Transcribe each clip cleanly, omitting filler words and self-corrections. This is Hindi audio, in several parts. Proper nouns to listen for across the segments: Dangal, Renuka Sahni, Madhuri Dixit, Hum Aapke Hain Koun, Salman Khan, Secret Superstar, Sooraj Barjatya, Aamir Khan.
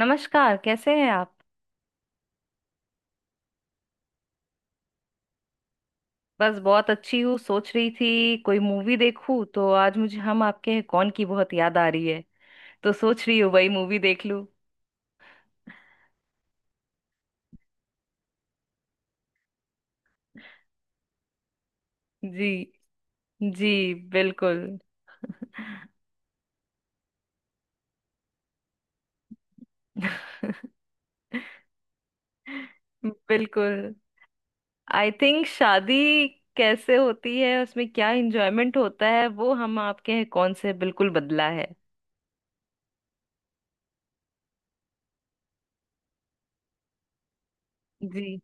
नमस्कार, कैसे हैं आप? बस बहुत अच्छी हूँ। सोच रही थी कोई मूवी देखूं, तो आज मुझे हम आपके हैं कौन की बहुत याद आ रही है। तो सोच रही हूँ वही मूवी देख लूं। जी। जी। बिल्कुल। बिल्कुल, आई थिंक शादी कैसे होती है, उसमें क्या एंजॉयमेंट होता है, वो हम आपके हैं कौन से बिल्कुल बदला है। जी।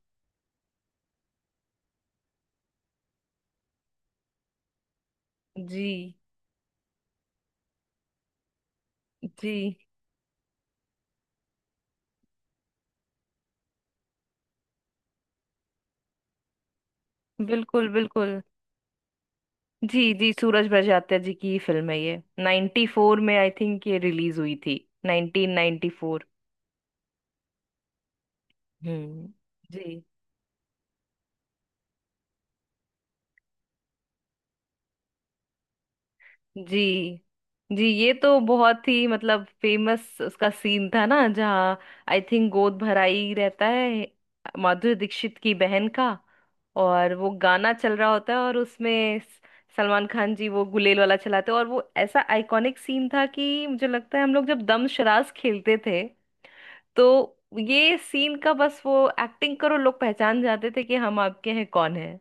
जी। जी। बिल्कुल। बिल्कुल। जी। जी। सूरज बड़जात्या जी की ही फिल्म है ये। 94 में आई थिंक ये रिलीज हुई थी। 1994। हम्म। जी। जी। जी। ये तो बहुत ही, मतलब, फेमस उसका सीन था ना, जहाँ आई थिंक गोद भराई रहता है माधुरी दीक्षित की बहन का। और वो गाना चल रहा होता है, और उसमें सलमान खान जी वो गुलेल वाला चलाते हैं, और वो ऐसा आइकॉनिक सीन था कि मुझे लगता है हम लोग जब दम शराज खेलते थे, तो ये सीन का बस वो एक्टिंग करो, लोग पहचान जाते थे कि हम आपके हैं कौन है।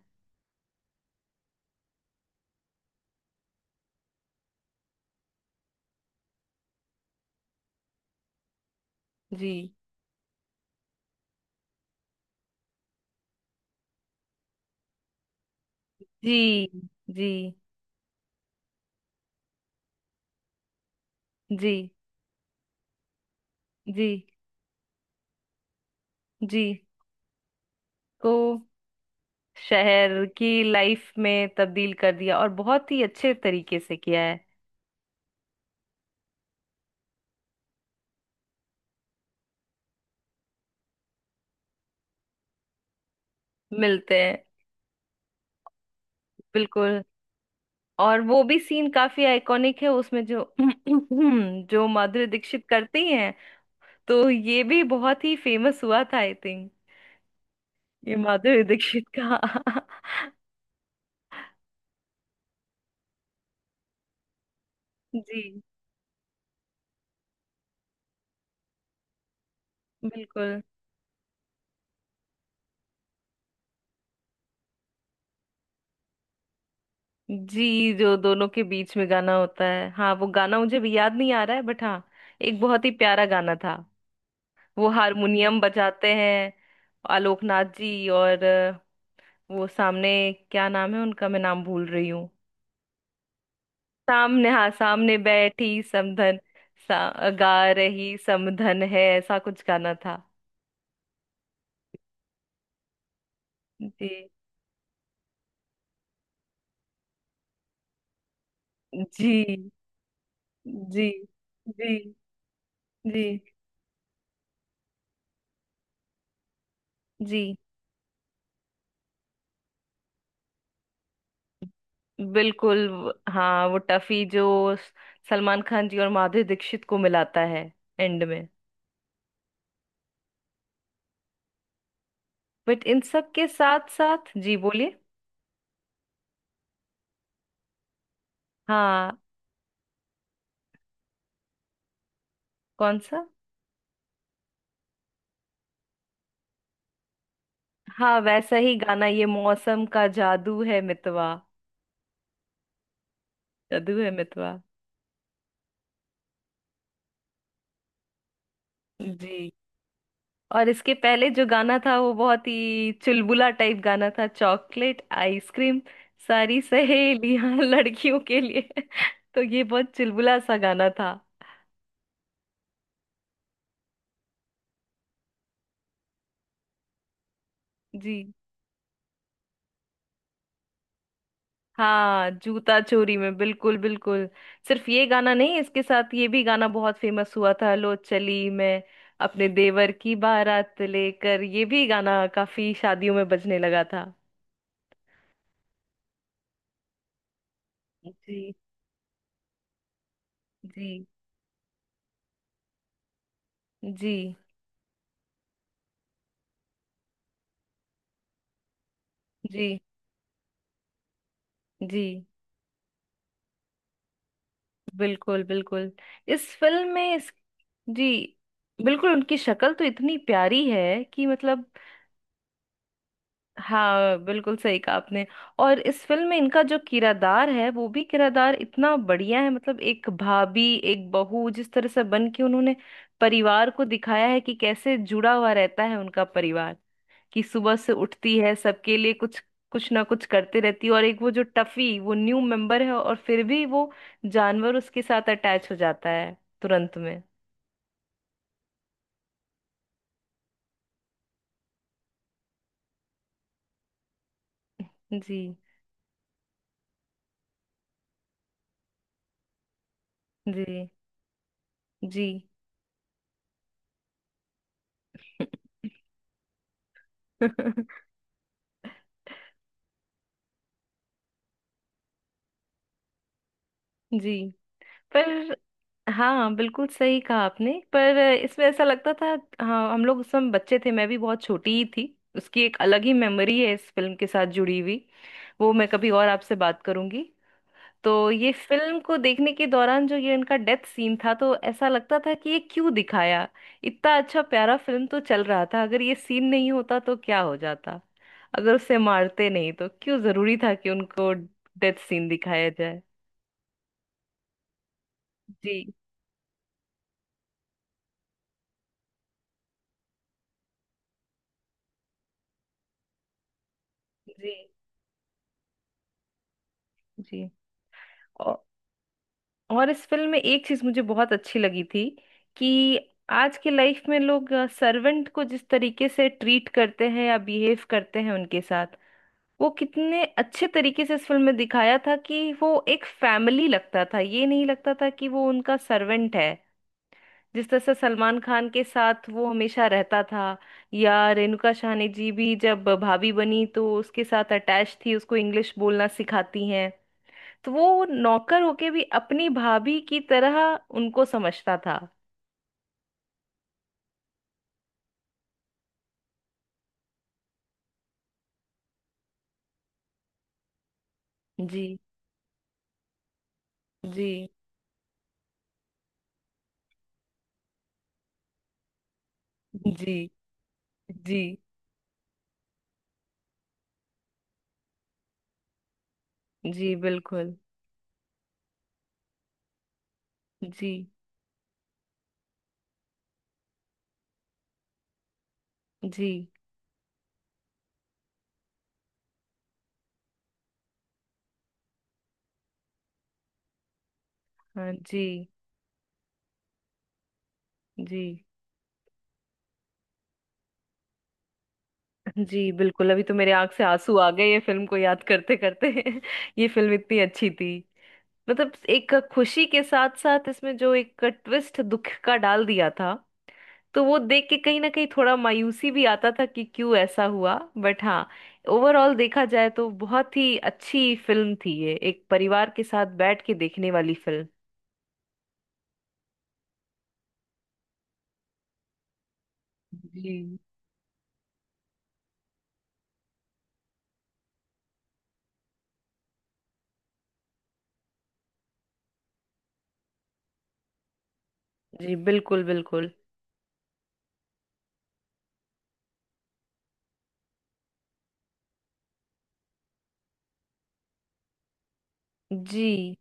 जी। जी। जी। जी। जी। जी। को शहर की लाइफ में तब्दील कर दिया, और बहुत ही अच्छे तरीके से किया है। मिलते हैं। बिल्कुल। और वो भी सीन काफी आइकॉनिक है उसमें जो जो माधुरी दीक्षित करती हैं, तो ये भी बहुत ही फेमस हुआ था आई थिंक। ये माधुरी दीक्षित का। जी। बिल्कुल। जी, जो दोनों के बीच में गाना होता है, हाँ, वो गाना मुझे भी याद नहीं आ रहा है, बट हाँ, एक बहुत ही प्यारा गाना था। वो हारमोनियम बजाते हैं आलोकनाथ जी और वो सामने, क्या नाम है उनका, मैं नाम भूल रही हूँ। सामने, हाँ, सामने बैठी समधन, गा रही समधन है, ऐसा कुछ गाना था। जी। जी। जी। जी। जी। जी। बिल्कुल। हाँ, वो टफी जो सलमान खान जी और माधुरी दीक्षित को मिलाता है एंड में। बट इन सब के साथ साथ। जी, बोलिए। हाँ। कौन सा? हाँ, वैसा ही गाना, ये मौसम का जादू है मितवा। जादू है मितवा। जी। और इसके पहले जो गाना था, वो बहुत ही चुलबुला टाइप गाना था, चॉकलेट आइसक्रीम सारी सहेलियां लड़कियों के लिए। तो ये बहुत चुलबुला सा गाना था। जी। हाँ, जूता चोरी में बिल्कुल। बिल्कुल। सिर्फ ये गाना नहीं, इसके साथ ये भी गाना बहुत फेमस हुआ था, लो चली मैं अपने देवर की बारात लेकर। ये भी गाना काफी शादियों में बजने लगा था। जी। जी। जी। जी। जी। बिल्कुल। बिल्कुल। इस फिल्म में इस। जी, बिल्कुल। उनकी शक्ल तो इतनी प्यारी है कि, मतलब, हाँ बिल्कुल सही कहा आपने। और इस फिल्म में इनका जो किरदार है, वो भी किरदार इतना बढ़िया है, मतलब एक भाभी, एक बहू जिस तरह से बन के उन्होंने परिवार को दिखाया है कि कैसे जुड़ा हुआ रहता है उनका परिवार। कि सुबह से उठती है सबके लिए कुछ कुछ ना कुछ करते रहती है। और एक वो जो टफी, वो न्यू मेंबर है और फिर भी वो जानवर उसके साथ अटैच हो जाता है तुरंत में। जी। जी। जी। जी। पर हाँ, बिल्कुल सही कहा आपने। पर इसमें ऐसा लगता था, हाँ, हम लोग उस समय बच्चे थे, मैं भी बहुत छोटी ही थी। उसकी एक अलग ही मेमोरी है इस फिल्म के साथ जुड़ी हुई, वो मैं कभी और आपसे बात करूंगी। तो ये फिल्म को देखने के दौरान जो ये इनका डेथ सीन था, तो ऐसा लगता था कि ये क्यों दिखाया? इतना अच्छा प्यारा फिल्म तो चल रहा था, अगर ये सीन नहीं होता तो क्या हो जाता? अगर उसे मारते नहीं तो क्यों जरूरी था कि उनको डेथ सीन दिखाया जाए? जी। जी। जी। और इस फिल्म में एक चीज मुझे बहुत अच्छी लगी थी, कि आज के लाइफ में लोग सर्वेंट को जिस तरीके से ट्रीट करते हैं या बिहेव करते हैं उनके साथ, वो कितने अच्छे तरीके से इस फिल्म में दिखाया था कि वो एक फैमिली लगता था, ये नहीं लगता था कि वो उनका सर्वेंट है। जिस तरह से सलमान खान के साथ वो हमेशा रहता था, या रेणुका साहनी जी भी जब भाभी बनी तो उसके साथ अटैच थी, उसको इंग्लिश बोलना सिखाती हैं, तो वो नौकर होके भी अपनी भाभी की तरह उनको समझता था। जी। जी। जी। जी। जी। बिल्कुल। जी। जी। हाँ। जी। जी। जी, बिल्कुल, अभी तो मेरे आंख से आंसू आ गए ये फिल्म को याद करते करते। ये फिल्म इतनी अच्छी थी, मतलब एक खुशी के साथ साथ इसमें जो एक ट्विस्ट दुख का डाल दिया था, तो वो देख के कहीं ना कहीं थोड़ा मायूसी भी आता था कि क्यों ऐसा हुआ। बट हाँ, ओवरऑल देखा जाए तो बहुत ही अच्छी फिल्म थी ये, एक परिवार के साथ बैठ के देखने वाली फिल्म। जी। जी। बिल्कुल। बिल्कुल। जी।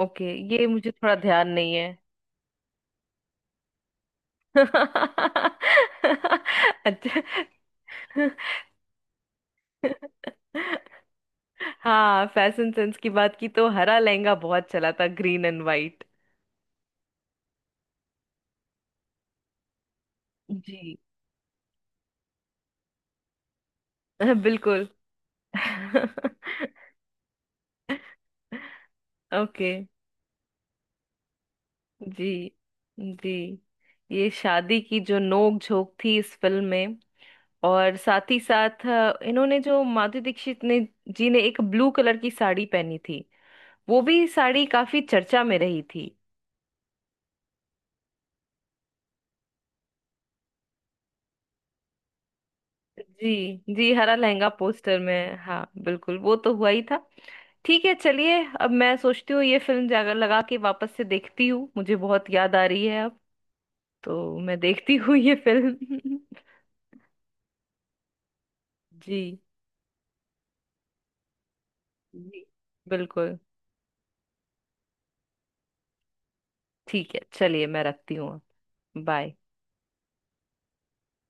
ओके, ये मुझे थोड़ा ध्यान नहीं है। अच्छा। हाँ, फैशन सेंस की बात की तो हरा लहंगा बहुत चला था, ग्रीन एंड वाइट। जी। बिल्कुल। ओके। जी। जी। ये शादी की जो नोक झोंक थी इस फिल्म में, और साथ ही साथ इन्होंने जो माधुरी दीक्षित ने जी ने एक ब्लू कलर की साड़ी पहनी थी, वो भी साड़ी काफी चर्चा में रही थी। जी। जी। हरा लहंगा पोस्टर में, हाँ बिल्कुल, वो तो हुआ ही था। ठीक है, चलिए अब मैं सोचती हूँ, ये फिल्म जाकर लगा के वापस से देखती हूँ, मुझे बहुत याद आ रही है अब। तो मैं देखती हूँ ये फिल्म। जी। जी। बिल्कुल। ठीक है, चलिए, मैं रखती हूँ। बाय।